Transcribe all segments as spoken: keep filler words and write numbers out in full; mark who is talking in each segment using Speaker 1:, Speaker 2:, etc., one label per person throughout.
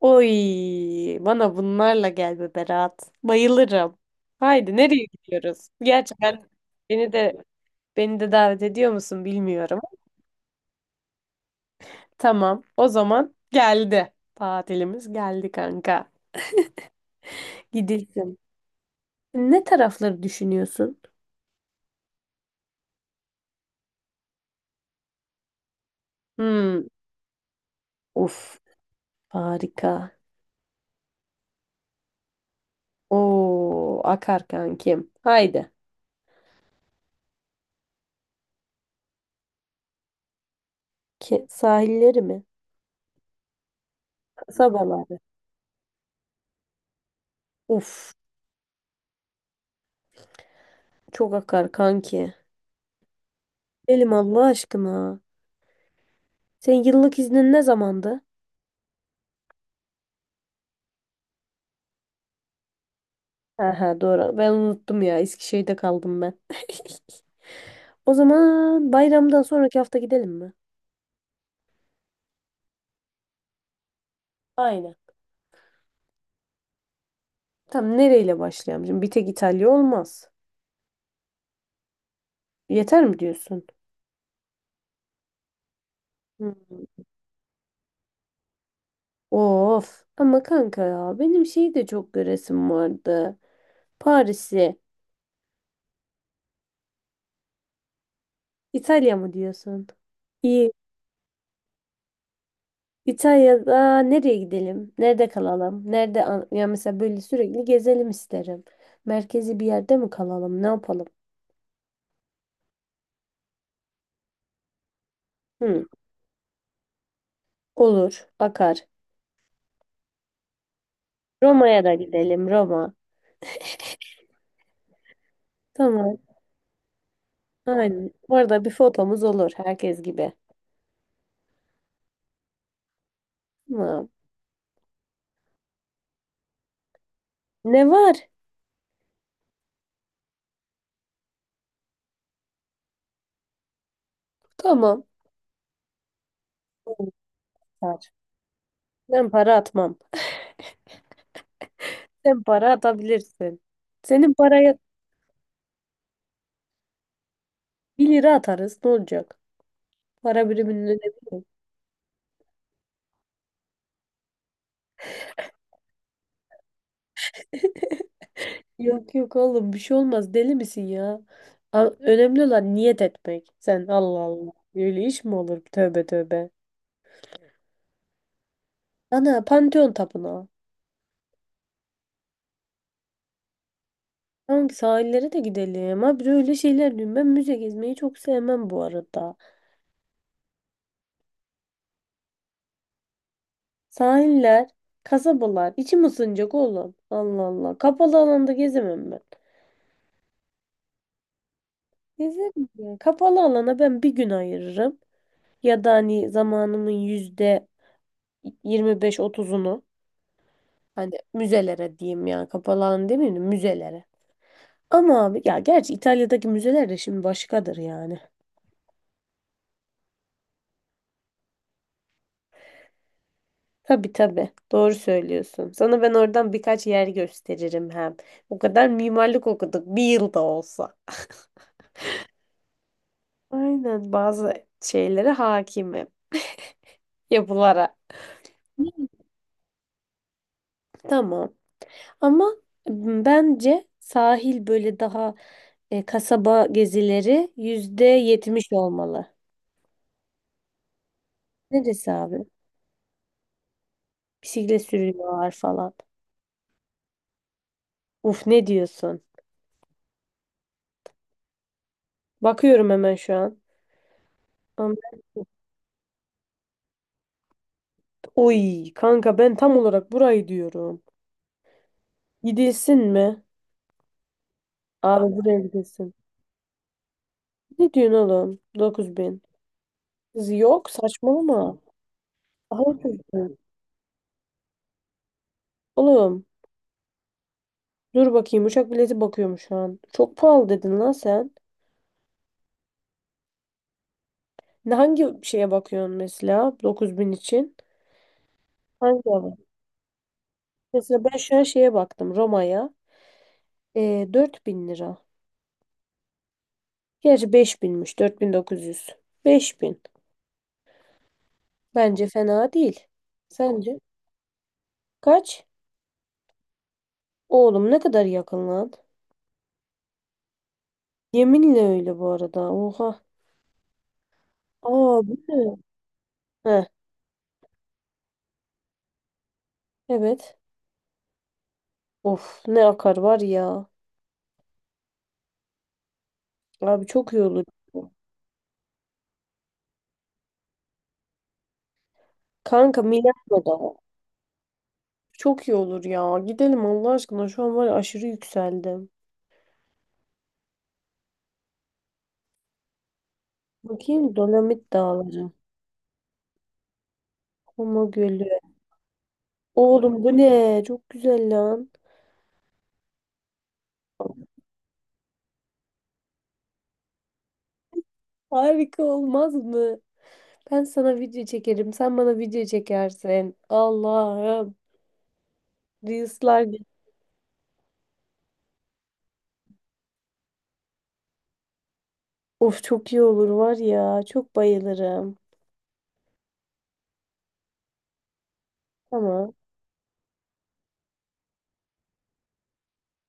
Speaker 1: Oy, bana bunlarla gel be Berat. Bayılırım. Haydi nereye gidiyoruz? Gerçekten beni de beni de davet ediyor musun bilmiyorum. Tamam, o zaman geldi. Tatilimiz geldi kanka. Gidilsin. Ne tarafları düşünüyorsun? Hmm, uf, harika. Oo, akar kankim. Haydi. Ki, sahilleri mi? Kasabaları. Uf, çok akar kanki. Elim Allah aşkına. Senin yıllık iznin ne zamandı? Ha ha doğru. Ben unuttum ya. Eskişehir'de kaldım ben. O zaman bayramdan sonraki hafta gidelim mi? Aynen. Tam nereyle başlayalım? Şimdi bir tek İtalya olmaz. Yeter mi diyorsun? Hmm. Of. Ama kanka ya benim şeyi de çok göresim vardı. Paris'i. İtalya mı diyorsun? İyi. İtalya'da nereye gidelim? Nerede kalalım? Nerede an- ya mesela böyle sürekli gezelim isterim. Merkezi bir yerde mi kalalım? Ne yapalım? Hı, olur, akar. Roma'ya da gidelim, Roma. Tamam. Aynen. Orada bir fotomuz olur herkes gibi. Tamam. Ne var? Tamam. Var. Ben para atmam. Sen para atabilirsin. Senin paraya bir lira atarız. Ne olacak? Para biriminin önemi yok. Yok yok oğlum bir şey olmaz deli misin ya? A- Önemli olan niyet etmek. Sen Allah Allah. Öyle iş mi olur? Tövbe tövbe. Ana Pantheon Tapınağı. Hangi sahillere de gidelim. Abi öyle şeyler diyorum. Ben müze gezmeyi çok sevmem bu arada. Sahiller, kasabalar. İçim ısınacak oğlum. Allah Allah. Kapalı alanda gezemem ben. Gezerim ya. Kapalı alana ben bir gün ayırırım. Ya da hani zamanımın yüzde yirmi beş otuzunu. Hani müzelere diyeyim yani kapalı alan demeyelim müzelere. Ama abi ya gerçi İtalya'daki müzeler de şimdi başkadır yani. Tabii tabii doğru söylüyorsun. Sana ben oradan birkaç yer gösteririm hem. O kadar mimarlık okuduk bir yılda olsa. Aynen bazı şeylere hakimim yapılara. Tamam ama bence sahil böyle daha e, kasaba gezileri yüzde yetmiş olmalı. Neresi abi? Bisiklet sürüyorlar falan. Uf ne diyorsun? Bakıyorum hemen şu an. Ama- Oy kanka ben tam olarak burayı diyorum. Gidilsin mi? Abi buraya gidilsin. Ne diyorsun oğlum? Dokuz bin. Kız yok saçmalama. Daha ucuz bu. Oğlum dur bakayım uçak bileti bakıyorum şu an. Çok pahalı dedin lan sen. Ne hangi şeye bakıyorsun mesela Dokuz bin için? Hangi hava? Mesela ben şu an şeye baktım Roma'ya. Ee, bin lira. Gerçi beş binmiş dört bin dokuz yüz. Beş bin. Bence fena değil. Sence? Kaç? Oğlum ne kadar yakın lan. Yeminle öyle bu arada. Oha. Aa bu ne? Heh, evet. Of ne akar var ya. Abi çok iyi olur. Kanka Milano'da. Çok iyi olur ya. Gidelim Allah aşkına. Şu an var ya aşırı yükseldim. Bakayım Dolomit Dağları. Koma Gölü. Oğlum bu ne? Çok güzel lan. Harika olmaz mı? Ben sana video çekerim. Sen bana video çekersin. Allah'ım. Reels'lar of çok iyi olur var ya. Çok bayılırım. Ama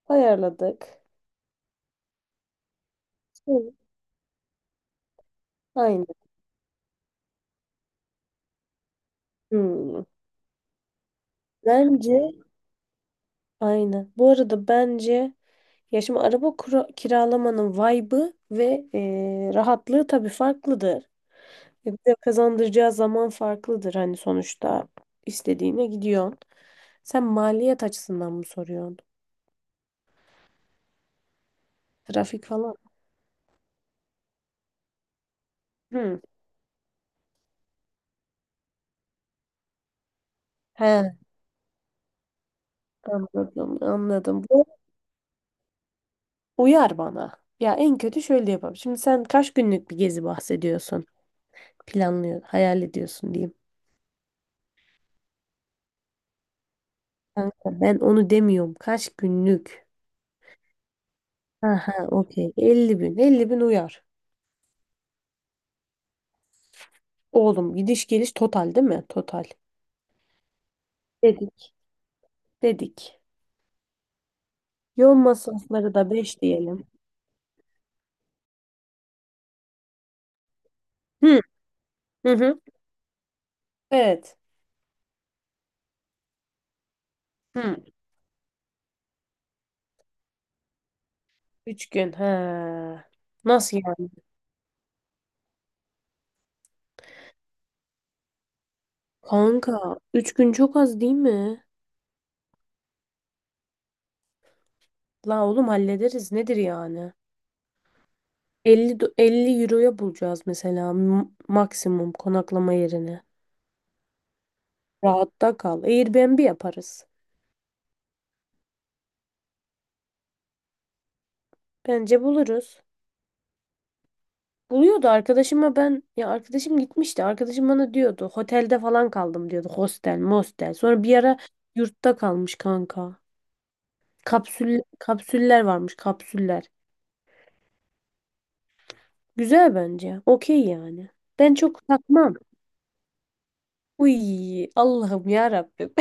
Speaker 1: ayarladık. Hı, aynen. Hmm. Bence aynı. Bu arada bence ya şimdi araba kura- kiralamanın vibe'ı ve eee, rahatlığı tabii farklıdır. E, Bize kazandıracağı zaman farklıdır hani sonuçta istediğine gidiyorsun. Sen maliyet açısından mı soruyorsun? Trafik falan. Hı. He, anladım, anladım. Uyar bana. Ya en kötü şöyle yapalım. Şimdi sen kaç günlük bir gezi bahsediyorsun? Planlıyor, hayal ediyorsun diyeyim. Kanka ben onu demiyorum. Kaç günlük? Aha, okey. Elli bin. Elli bin uyar. Oğlum gidiş geliş total değil mi? Total. Dedik. Dedik. Yol masrafları da beş diyelim. Hı hı. Hı. Evet. Hı. Üç gün. Ha. Nasıl yani? Kanka üç gün çok az değil mi? La oğlum hallederiz. Nedir yani? elli do- elli euroya bulacağız mesela m- maksimum konaklama yerine. Rahatta kal. Airbnb yaparız. Bence buluruz. Buluyordu arkadaşıma ben ya arkadaşım gitmişti. Arkadaşım bana diyordu otelde falan kaldım diyordu. Hostel, mostel. Sonra bir ara yurtta kalmış kanka. Kapsül kapsüller varmış, kapsüller. Güzel bence. Okey yani. Ben çok takmam. Uy Allah'ım ya Rabbim.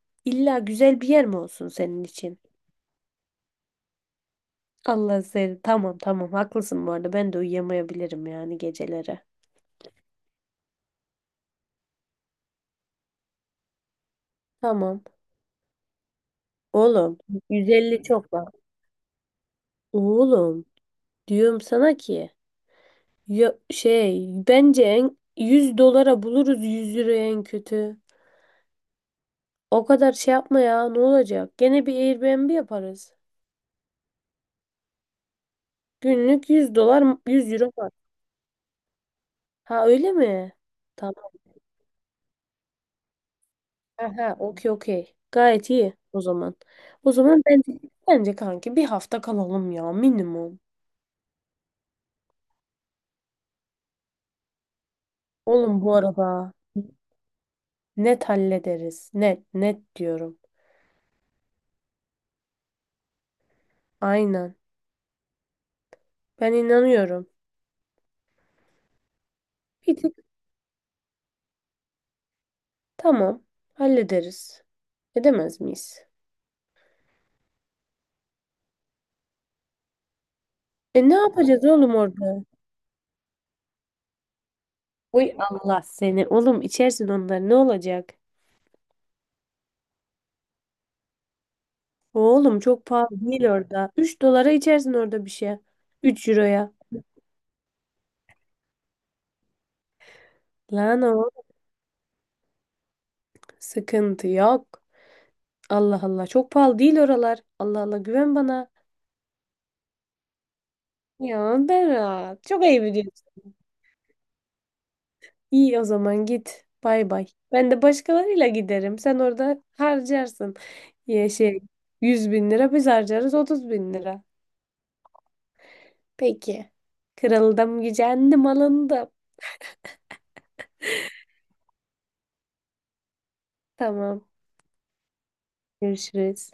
Speaker 1: İlla güzel bir yer mi olsun senin için? Allah seni. Tamam tamam haklısın bu arada. Ben de uyuyamayabilirim yani geceleri. Tamam. Oğlum yüz elli çok var. Oğlum diyorum sana ki ya, şey bence en, yüz dolara buluruz yüz liraya en kötü. O kadar şey yapma ya ne olacak? Gene bir Airbnb yaparız. Günlük yüz dolar yüz euro var. Ha öyle mi? Tamam. Ha ha okey okey. Gayet iyi o zaman. O zaman bence, bence kanki bir hafta kalalım ya minimum. Oğlum bu arada net hallederiz. Net, net diyorum. Aynen. Ben inanıyorum. Bir tık tamam hallederiz. Edemez miyiz? E ne yapacağız oğlum orada? Uy Allah seni. Oğlum içersin onları ne olacak? Oğlum çok pahalı değil orada. Üç dolara içersin orada bir şey. Üç euroya. Lan o sıkıntı yok. Allah Allah çok pahalı değil oralar. Allah Allah güven bana. Ya Berat çok ayıp. İyi o zaman git. Bay bay. Ben de başkalarıyla giderim. Sen orada harcarsın. Ya şey yüz bin lira biz harcarız otuz bin lira. Peki. Kırıldım, gücendim, alındım. Tamam. Görüşürüz.